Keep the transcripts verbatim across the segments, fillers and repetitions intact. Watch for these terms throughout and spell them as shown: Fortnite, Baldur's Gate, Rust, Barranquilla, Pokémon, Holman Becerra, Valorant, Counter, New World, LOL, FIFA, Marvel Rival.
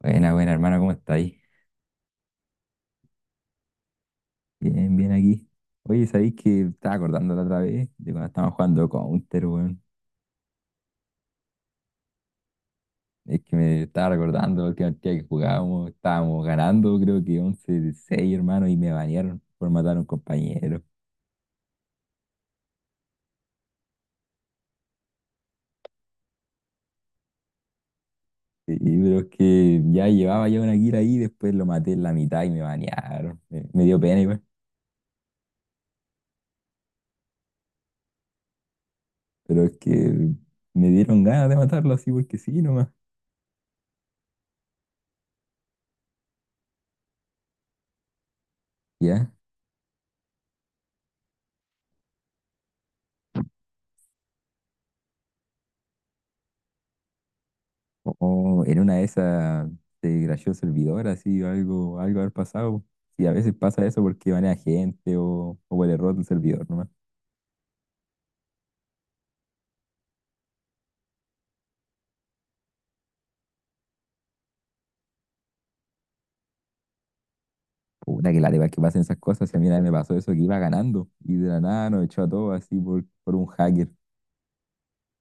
Buena, buena, hermano, ¿cómo estáis? Bien, bien aquí. Oye, ¿sabéis que estaba acordando la otra vez de cuando estábamos jugando Counter, weón? Es que me estaba recordando la última partida que jugábamos, estábamos ganando, creo que once seis, hermano, y me banearon por matar a un compañero. Y pero es que ya llevaba yo una kill ahí, después lo maté en la mitad y me banearon. Me, me dio pena igual, pero es que me dieron ganas de matarlo así porque sí nomás. Ya. O en una de esas se crasheó el servidor, así, o algo, algo haber pasado. Y a veces pasa eso porque van a gente o, o por el error del servidor nomás. Puta que la de que pasen esas cosas. Y a mí una vez me pasó eso que iba ganando y de la nada nos echó a todos así por, por un hacker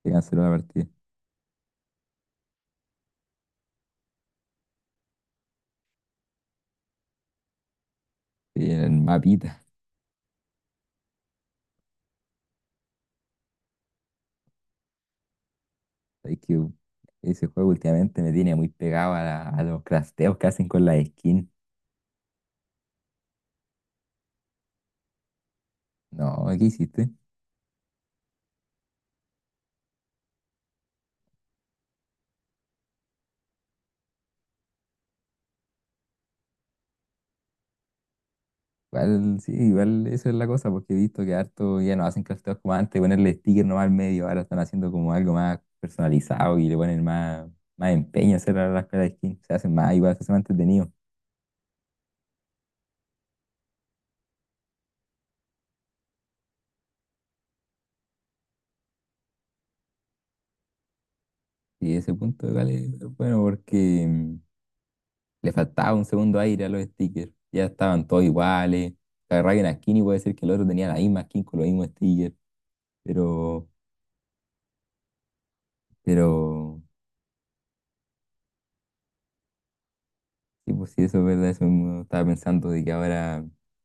que canceló la partida. Y en el mapita. Es que ese juego últimamente me tiene muy pegado a, la- a los crafteos que hacen con la skin. No, ¿qué hiciste? Igual, sí, igual eso es la cosa, porque he visto que harto ya no hacen crafteos como antes, ponerle sticker nomás al medio, ahora están haciendo como algo más personalizado y le ponen más, más empeño a hacer a las caras de skin, se hacen más, igual se hacen más entretenido. Y ese punto igual es bueno porque mm, le faltaba un segundo aire a los stickers, ya estaban todos iguales, agarraba una skin y puede ser que el otro tenía la misma skin con los mismos stickers, pero, pero Sí, pues sí, eso es verdad, eso mismo estaba pensando de que ahora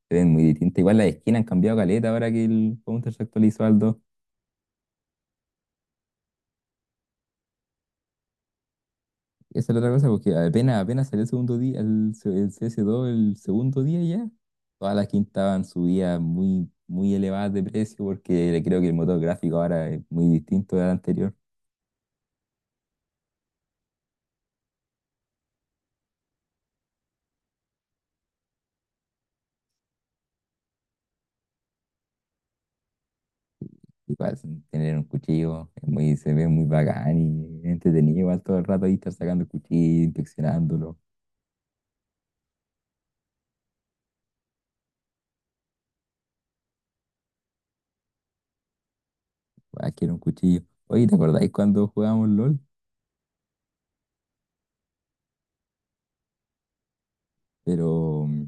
se ven muy distintas. Igual las esquinas han cambiado caleta ahora que el Counter se actualizó al dos. Esa es la otra cosa, porque apenas, apenas salió el segundo día, el, se- el CS dos el segundo día ya, todas las skins estaban subidas muy, muy elevadas de precio, porque creo que el motor gráfico ahora es muy distinto al anterior. Igual sin tener un cuchillo es muy, se ve muy bacán y es entretenido, igual todo el rato ahí estar sacando el cuchillo, inspeccionándolo. Ah, quiero un cuchillo. Oye, ¿te acordáis cuando jugábamos LOL? Pero mm,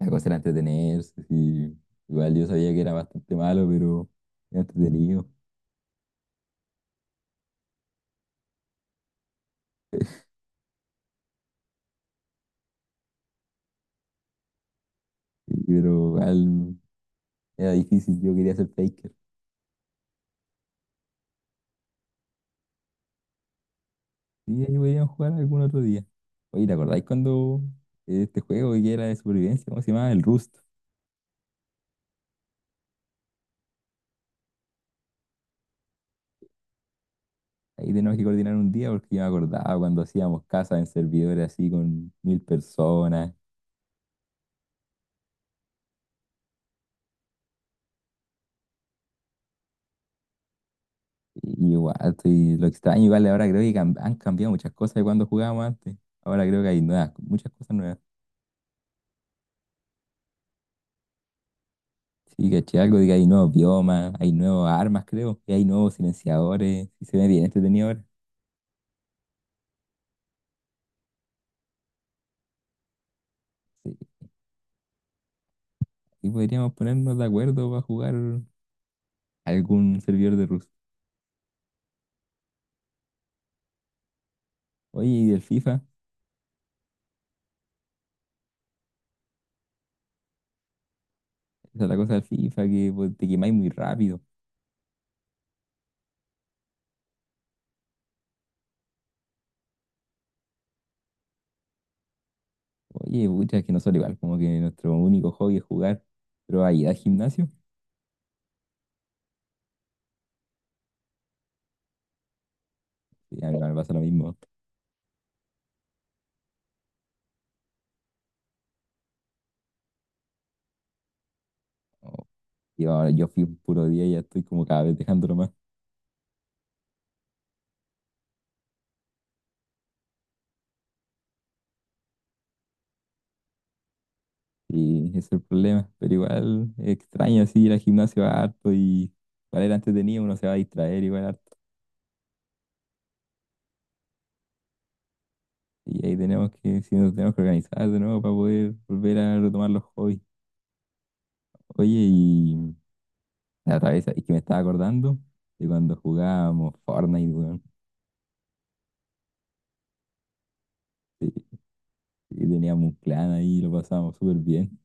la cosa era entretenerse, sí. Igual yo sabía que era bastante malo, pero era entretenido. Sí, pero igual era difícil, yo quería ser faker. Sí, ahí podríamos jugar algún otro día. Oye, ¿te acordáis cuando eh, este juego que era de supervivencia, cómo se llamaba? El Rust. Ahí tenemos que coordinar un día porque yo me acordaba cuando hacíamos casas en servidores así con mil personas. Y igual, estoy- lo extraño, igual ahora creo que cam- han cambiado muchas cosas de cuando jugábamos antes. Ahora creo que hay nuevas, muchas cosas nuevas. Sí, caché algo de que hay nuevos biomas, hay nuevas armas, creo, y hay nuevos silenciadores, y se ve bien entretenido ahora. Sí. Y podríamos ponernos de acuerdo para jugar algún servidor de Rust. Oye, y del FIFA, esa es la cosa del FIFA, que pues, te quemáis muy rápido. Oye, pucha, es que nosotros igual, como que nuestro único hobby es jugar, pero ahí al gimnasio, sí, a mí igual me pasa lo mismo. Oh, y ahora yo fui un puro día y ya estoy como cada vez dejándolo más. Y ese es el problema, pero igual es extraño así ir al gimnasio harto y para era entretenido, uno se va a distraer igual harto. Y ahí tenemos que, si nos tenemos que organizar de nuevo para poder volver a retomar los hobbies. Oye, y la otra vez es que me estaba acordando de cuando jugábamos Fortnite, weón, y teníamos un clan ahí, lo pasábamos súper bien.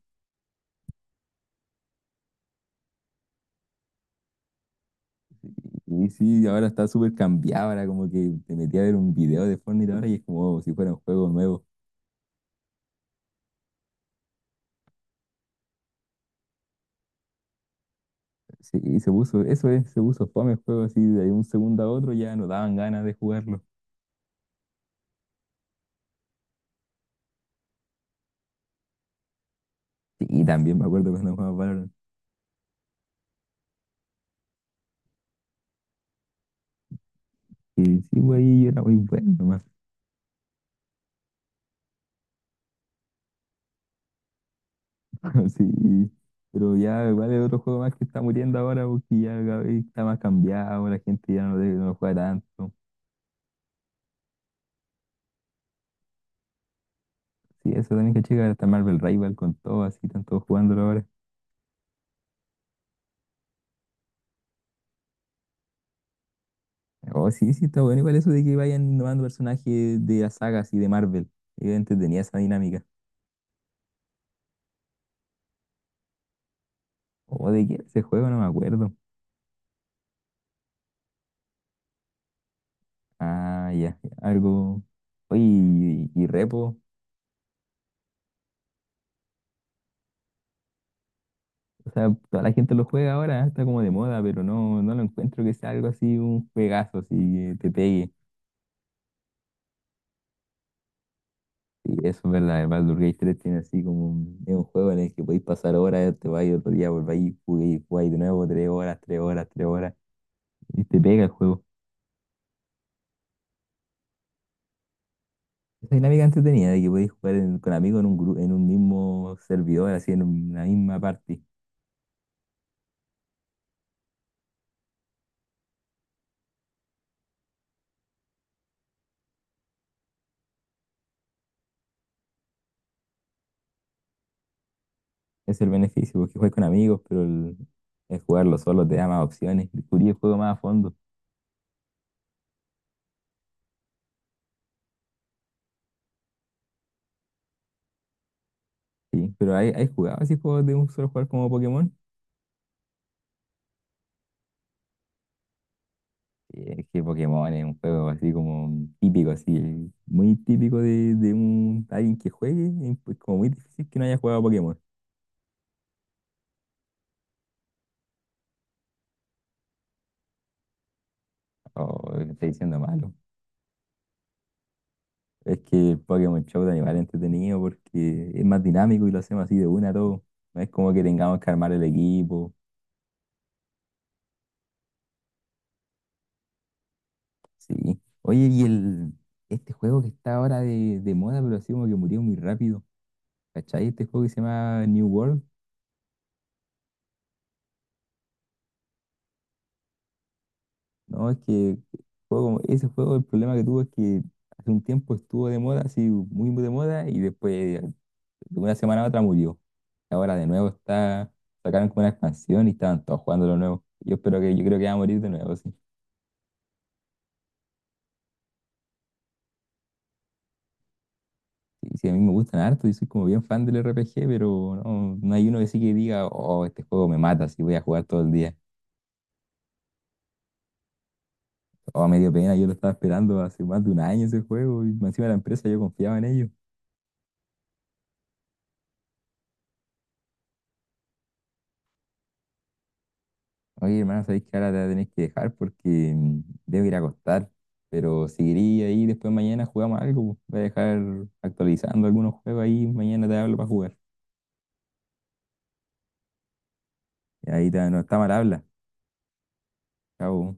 Y sí, ahora está súper cambiado, ahora como que te metí a ver un video de Fortnite ahora y es como si fuera un juego nuevo. Sí, y se puso, eso es, se puso fome el juego así de un segundo a otro ya no daban ganas de jugarlo. Sí, y también me acuerdo cuando jugaba Valorant. Y sí, güey, yo era muy bueno nomás. Sí, pero ya igual es otro juego más que está muriendo ahora porque ya cada vez está más cambiado, la gente ya no, de- no lo juega tanto. Sí, eso también que checar, hasta Marvel Rival con todo, así están todos jugándolo ahora. Oh, sí, sí, está bueno igual eso de que vayan innovando personajes de las sagas y de Marvel. Yo entretenía esa dinámica. O de qué era ese juego, no me acuerdo. Ah, ya, ya, algo. Oye, y, y repo. O sea, toda la gente lo juega ahora, está como de moda, pero no, no lo encuentro que sea algo así, un juegazo, así que te pegue. Sí, eso es verdad, el Baldur's Gate tres tiene así como un, es un juego en el que podéis pasar horas, te vais otro día, volváis, jugáis, jugáis de nuevo, tres horas, tres horas, tres horas, y te pega el juego. Esa dinámica entretenida de que podéis jugar en- con amigos en un gru- en un mismo servidor, así en una misma party. Es el beneficio, porque juegas con amigos, pero el, el jugarlo solo te da más opciones. Descubrí el juego más a fondo. Sí, pero ¿hay, hay jugado así juegos de un solo jugar como Pokémon? Sí, es que Pokémon es un juego así como típico, así, muy típico de, de un, alguien que juegue, y pues como muy difícil que no haya jugado a Pokémon. Oh, le estoy diciendo malo. Es que el Pokémon Show de animal es entretenido porque es más dinámico y lo hacemos así de una a todo. No es como que tengamos que armar el equipo. Sí. Oye, y el, este juego que está ahora de, de moda, pero así como que murió muy rápido. ¿Cachai? Este juego que se llama New World. No, es que juego, ese juego, el problema que tuvo es que hace un tiempo estuvo de moda, así muy, muy de moda, y después de una semana a otra murió. Ahora de nuevo está, sacaron como una expansión y estaban todos jugando lo nuevo. Yo espero que, yo creo que va a morir de nuevo, sí. Sí, sí, a mí me gustan harto, yo soy como bien fan del R P G, pero no, no hay uno que sí que diga, oh, este juego me mata, si voy a jugar todo el día. Oh, me dio pena, yo lo estaba esperando hace más de un año ese juego y más encima de la empresa yo confiaba en ellos. Oye, hermano, sabéis que ahora te voy a que dejar porque mm, debo ir a acostar, pero seguiría ahí, después mañana jugamos algo, po. Voy a dejar actualizando algunos juegos ahí, mañana te hablo para jugar. Y ahí te- no está mal habla. Chao.